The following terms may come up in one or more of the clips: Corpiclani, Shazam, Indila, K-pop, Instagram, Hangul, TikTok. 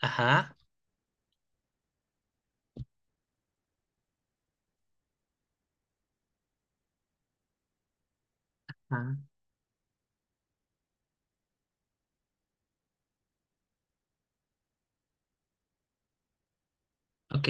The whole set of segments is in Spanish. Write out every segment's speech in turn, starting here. Ajá, ah, ok.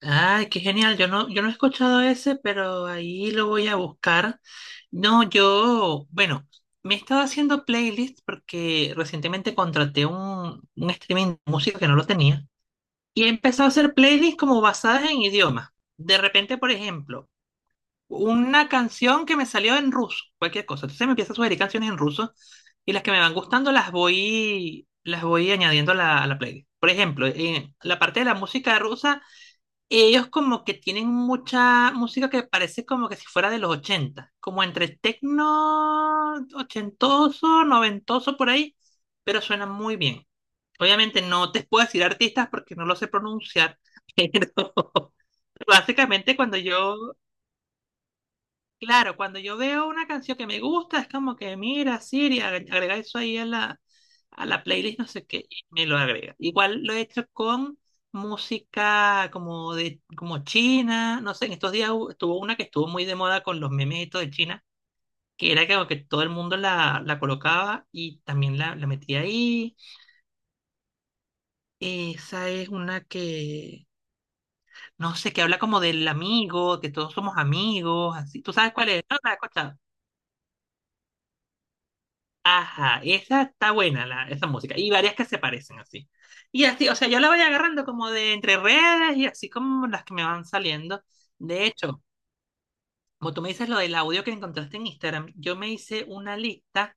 Ay, qué genial. Yo no he escuchado ese, pero ahí lo voy a buscar. No, yo, bueno, me he estado haciendo playlists porque recientemente contraté un streaming de música que no lo tenía y he empezado a hacer playlists como basadas en idiomas. De repente, por ejemplo, una canción que me salió en ruso, cualquier cosa. Entonces me empieza a sugerir canciones en ruso y las que me van gustando las voy añadiendo a la playlist. Por ejemplo, en la parte de la música rusa, ellos como que tienen mucha música que parece como que si fuera de los ochenta, como entre tecno ochentoso, noventoso por ahí, pero suena muy bien. Obviamente no te puedo decir artistas porque no lo sé pronunciar, pero básicamente cuando yo... Claro, cuando yo veo una canción que me gusta, es como que mira, Siri, agrega eso ahí a la playlist, no sé qué, y me lo agrega. Igual lo he hecho con música como de, como China, no sé, en estos días estuvo una que estuvo muy de moda con los memes y todo de China, que era como que todo el mundo la colocaba y también la metía ahí. Esa es una que, no sé, que habla como del amigo, que todos somos amigos, así. ¿Tú sabes cuál es? ¿No la has escuchado? Ajá, esa está buena, la, esa música. Y varias que se parecen así. Y así, o sea, yo la voy agarrando como de entre redes y así como las que me van saliendo. De hecho, como tú me dices lo del audio que encontraste en Instagram, yo me hice una lista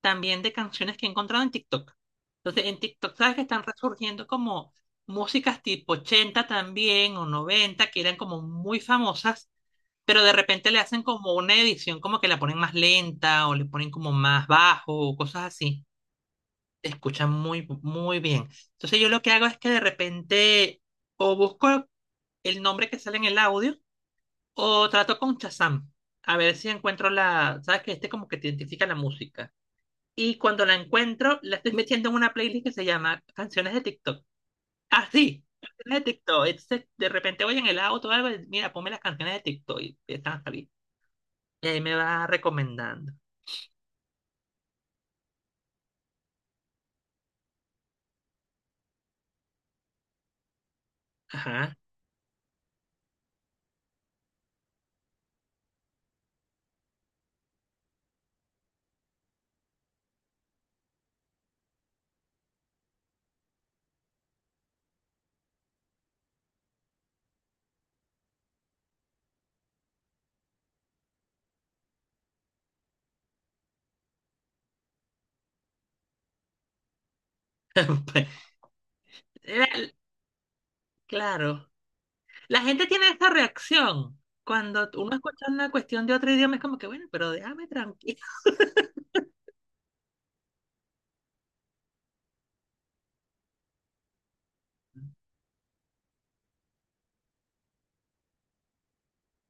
también de canciones que he encontrado en TikTok. Entonces, en TikTok, sabes que están resurgiendo como músicas tipo 80 también o 90 que eran como muy famosas, pero de repente le hacen como una edición, como que la ponen más lenta o le ponen como más bajo o cosas así, te escuchan muy, muy bien. Entonces yo lo que hago es que de repente o busco el nombre que sale en el audio o trato con Shazam a ver si encuentro la, sabes que este como que te identifica la música. Y cuando la encuentro, la estoy metiendo en una playlist que se llama Canciones de TikTok. Ah, sí, canciones de TikTok. Entonces, de repente voy en el auto, o algo, y, mira, ponme las canciones de TikTok y están a salir. Y ahí me va recomendando. Ajá. Era... Claro. La gente tiene esa reacción. Cuando uno escucha una cuestión de otro idioma, es como que, bueno, pero déjame tranquilo.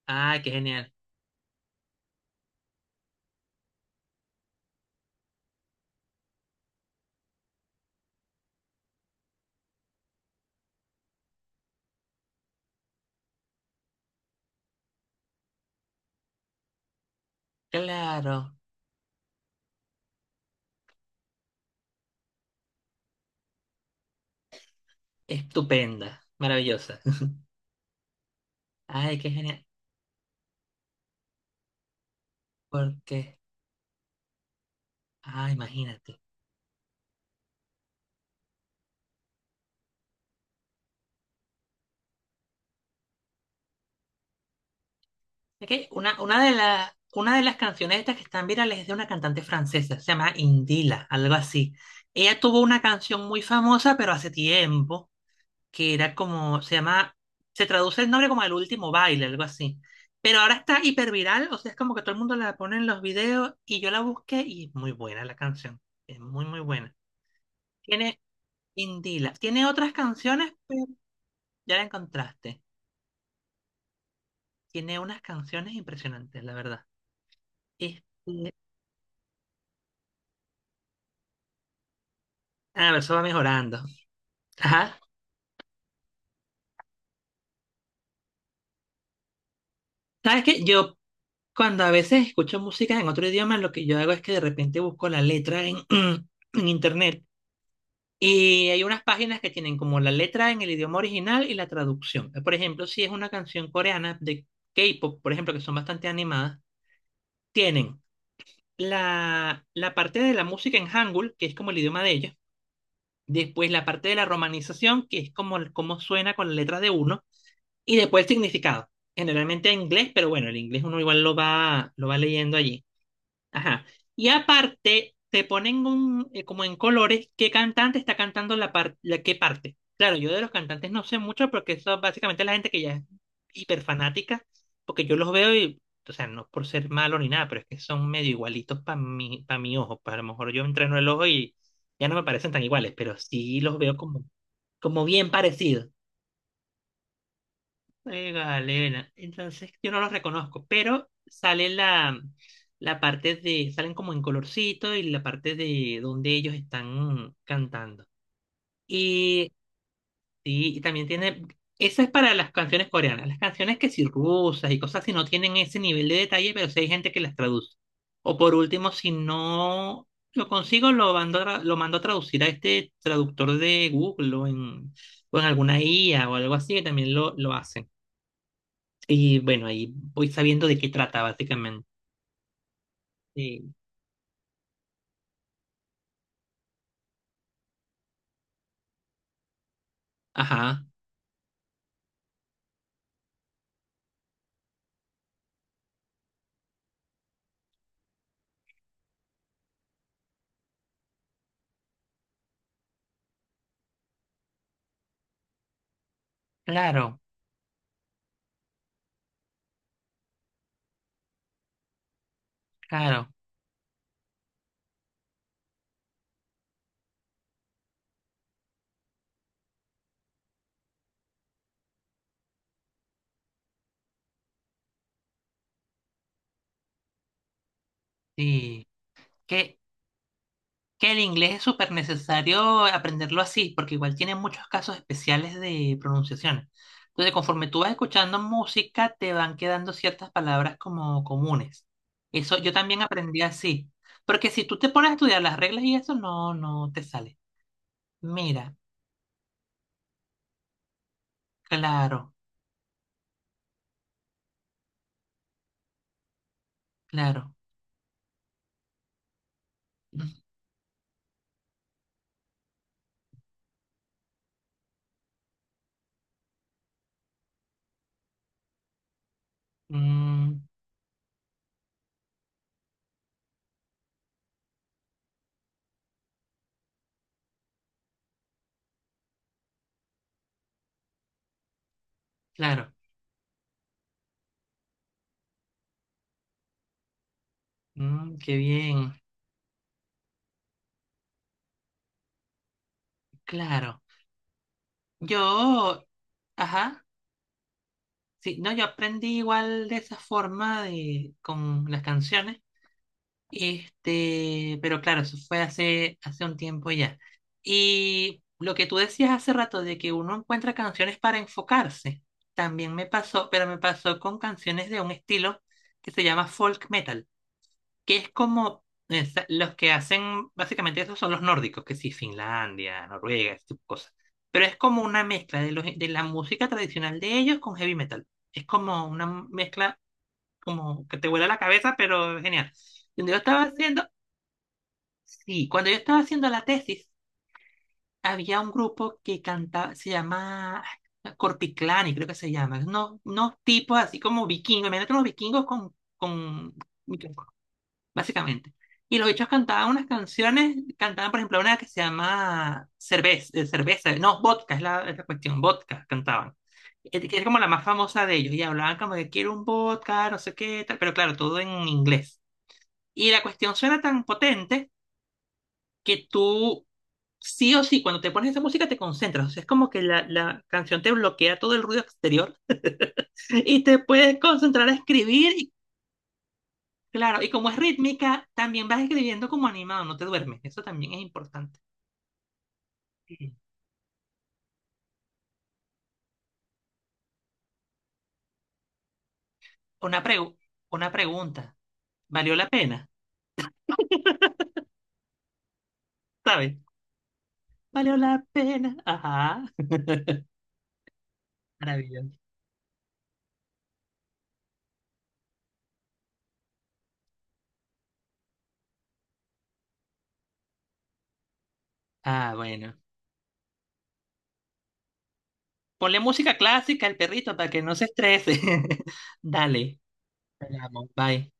Ay, qué genial. Claro, estupenda, maravillosa. Ay, qué genial. Porque, ah, imagínate. Es que una de las canciones estas que están virales es de una cantante francesa, se llama Indila, algo así. Ella tuvo una canción muy famosa, pero hace tiempo que era como, se llama, se traduce el nombre como El Último Baile, algo así. Pero ahora está hiperviral, o sea, es como que todo el mundo la pone en los videos y yo la busqué y es muy buena la canción, es muy, muy buena. Tiene... Indila, tiene otras canciones, pero ya la encontraste. Tiene unas canciones impresionantes, la verdad. Este, a ver, eso va mejorando. Ajá. ¿Sabes qué? Yo cuando a veces escucho música en otro idioma, lo que yo hago es que de repente busco la letra en, en internet. Y hay unas páginas que tienen como la letra en el idioma original y la traducción. Por ejemplo, si es una canción coreana de K-pop, por ejemplo, que son bastante animadas, tienen la parte de la música en Hangul, que es como el idioma de ellos. Después la parte de la romanización, que es como, cómo suena con las letras de uno. Y después el significado. Generalmente en inglés, pero bueno, el inglés uno igual lo va leyendo allí. Ajá. Y aparte, te ponen un, como en colores qué cantante está cantando la, la qué parte. Claro, yo de los cantantes no sé mucho porque eso básicamente es la gente que ya es hiperfanática, porque yo los veo y, o sea, no por ser malo ni nada, pero es que son medio igualitos para mi, pa' mi ojo. Pa' a lo mejor yo entreno el ojo y ya no me parecen tan iguales, pero sí los veo como, como bien parecidos. Juega Elena. Entonces, yo no los reconozco, pero sale la, la parte de, salen como en colorcito y la parte de donde ellos están cantando. Y, sí, y también tiene, esa es para las canciones coreanas. Las canciones que sí rusas y cosas así no tienen ese nivel de detalle, pero sí hay gente que las traduce. O por último, si no lo consigo, lo mando a, lo mando a traducir a este traductor de Google o en alguna IA o algo así, que también lo hacen. Y bueno, ahí voy sabiendo de qué trata, básicamente. Sí. Ajá, claro, claro. Sí. Que, que el inglés es súper necesario aprenderlo así, porque igual tiene muchos casos especiales de pronunciación. Entonces, conforme tú vas escuchando música, te van quedando ciertas palabras como comunes. Eso yo también aprendí así. Porque si tú te pones a estudiar las reglas y eso, no, no te sale. Mira, claro, claro. Mm, claro. Mm, qué bien. Claro. Yo, ajá, sí, no, yo aprendí igual de esa forma de, con las canciones. Este, pero claro, eso fue hace, hace un tiempo ya. Y lo que tú decías hace rato de que uno encuentra canciones para enfocarse, también me pasó, pero me pasó con canciones de un estilo que se llama folk metal. Que es como esa... los que hacen, básicamente esos son los nórdicos, que sí, Finlandia, Noruega, ese tipo de cosas. Pero es como una mezcla de, los, de la música tradicional de ellos con heavy metal. Es como una mezcla como que te vuela la cabeza, pero genial. Cuando yo estaba haciendo, sí, cuando yo estaba haciendo la tesis, había un grupo que cantaba, se llama Corpiclani, creo que se llama. No, unos tipos así como vikingos, imagínate unos vikingos con... básicamente. Y los bichos cantaban unas canciones, cantaban por ejemplo una que se llama Cerveza, cerveza no, vodka, es la cuestión, vodka cantaban. Que es como la más famosa de ellos, y hablaban como que quiero un vodka, no sé qué, tal, pero claro, todo en inglés. Y la cuestión suena tan potente que tú, sí o sí, cuando te pones esa música te concentras, o sea, es como que la canción te bloquea todo el ruido exterior y te puedes concentrar a escribir. Claro, y como es rítmica, también vas escribiendo como animado, no te duermes. Eso también es importante. Sí. Una pregu- una pregunta. ¿Valió la pena? ¿Sabes? ¿Valió la pena? Ajá. Maravilloso. Ah, bueno. Ponle música clásica al perrito para que no se estrese. Dale. Te amo. Bye.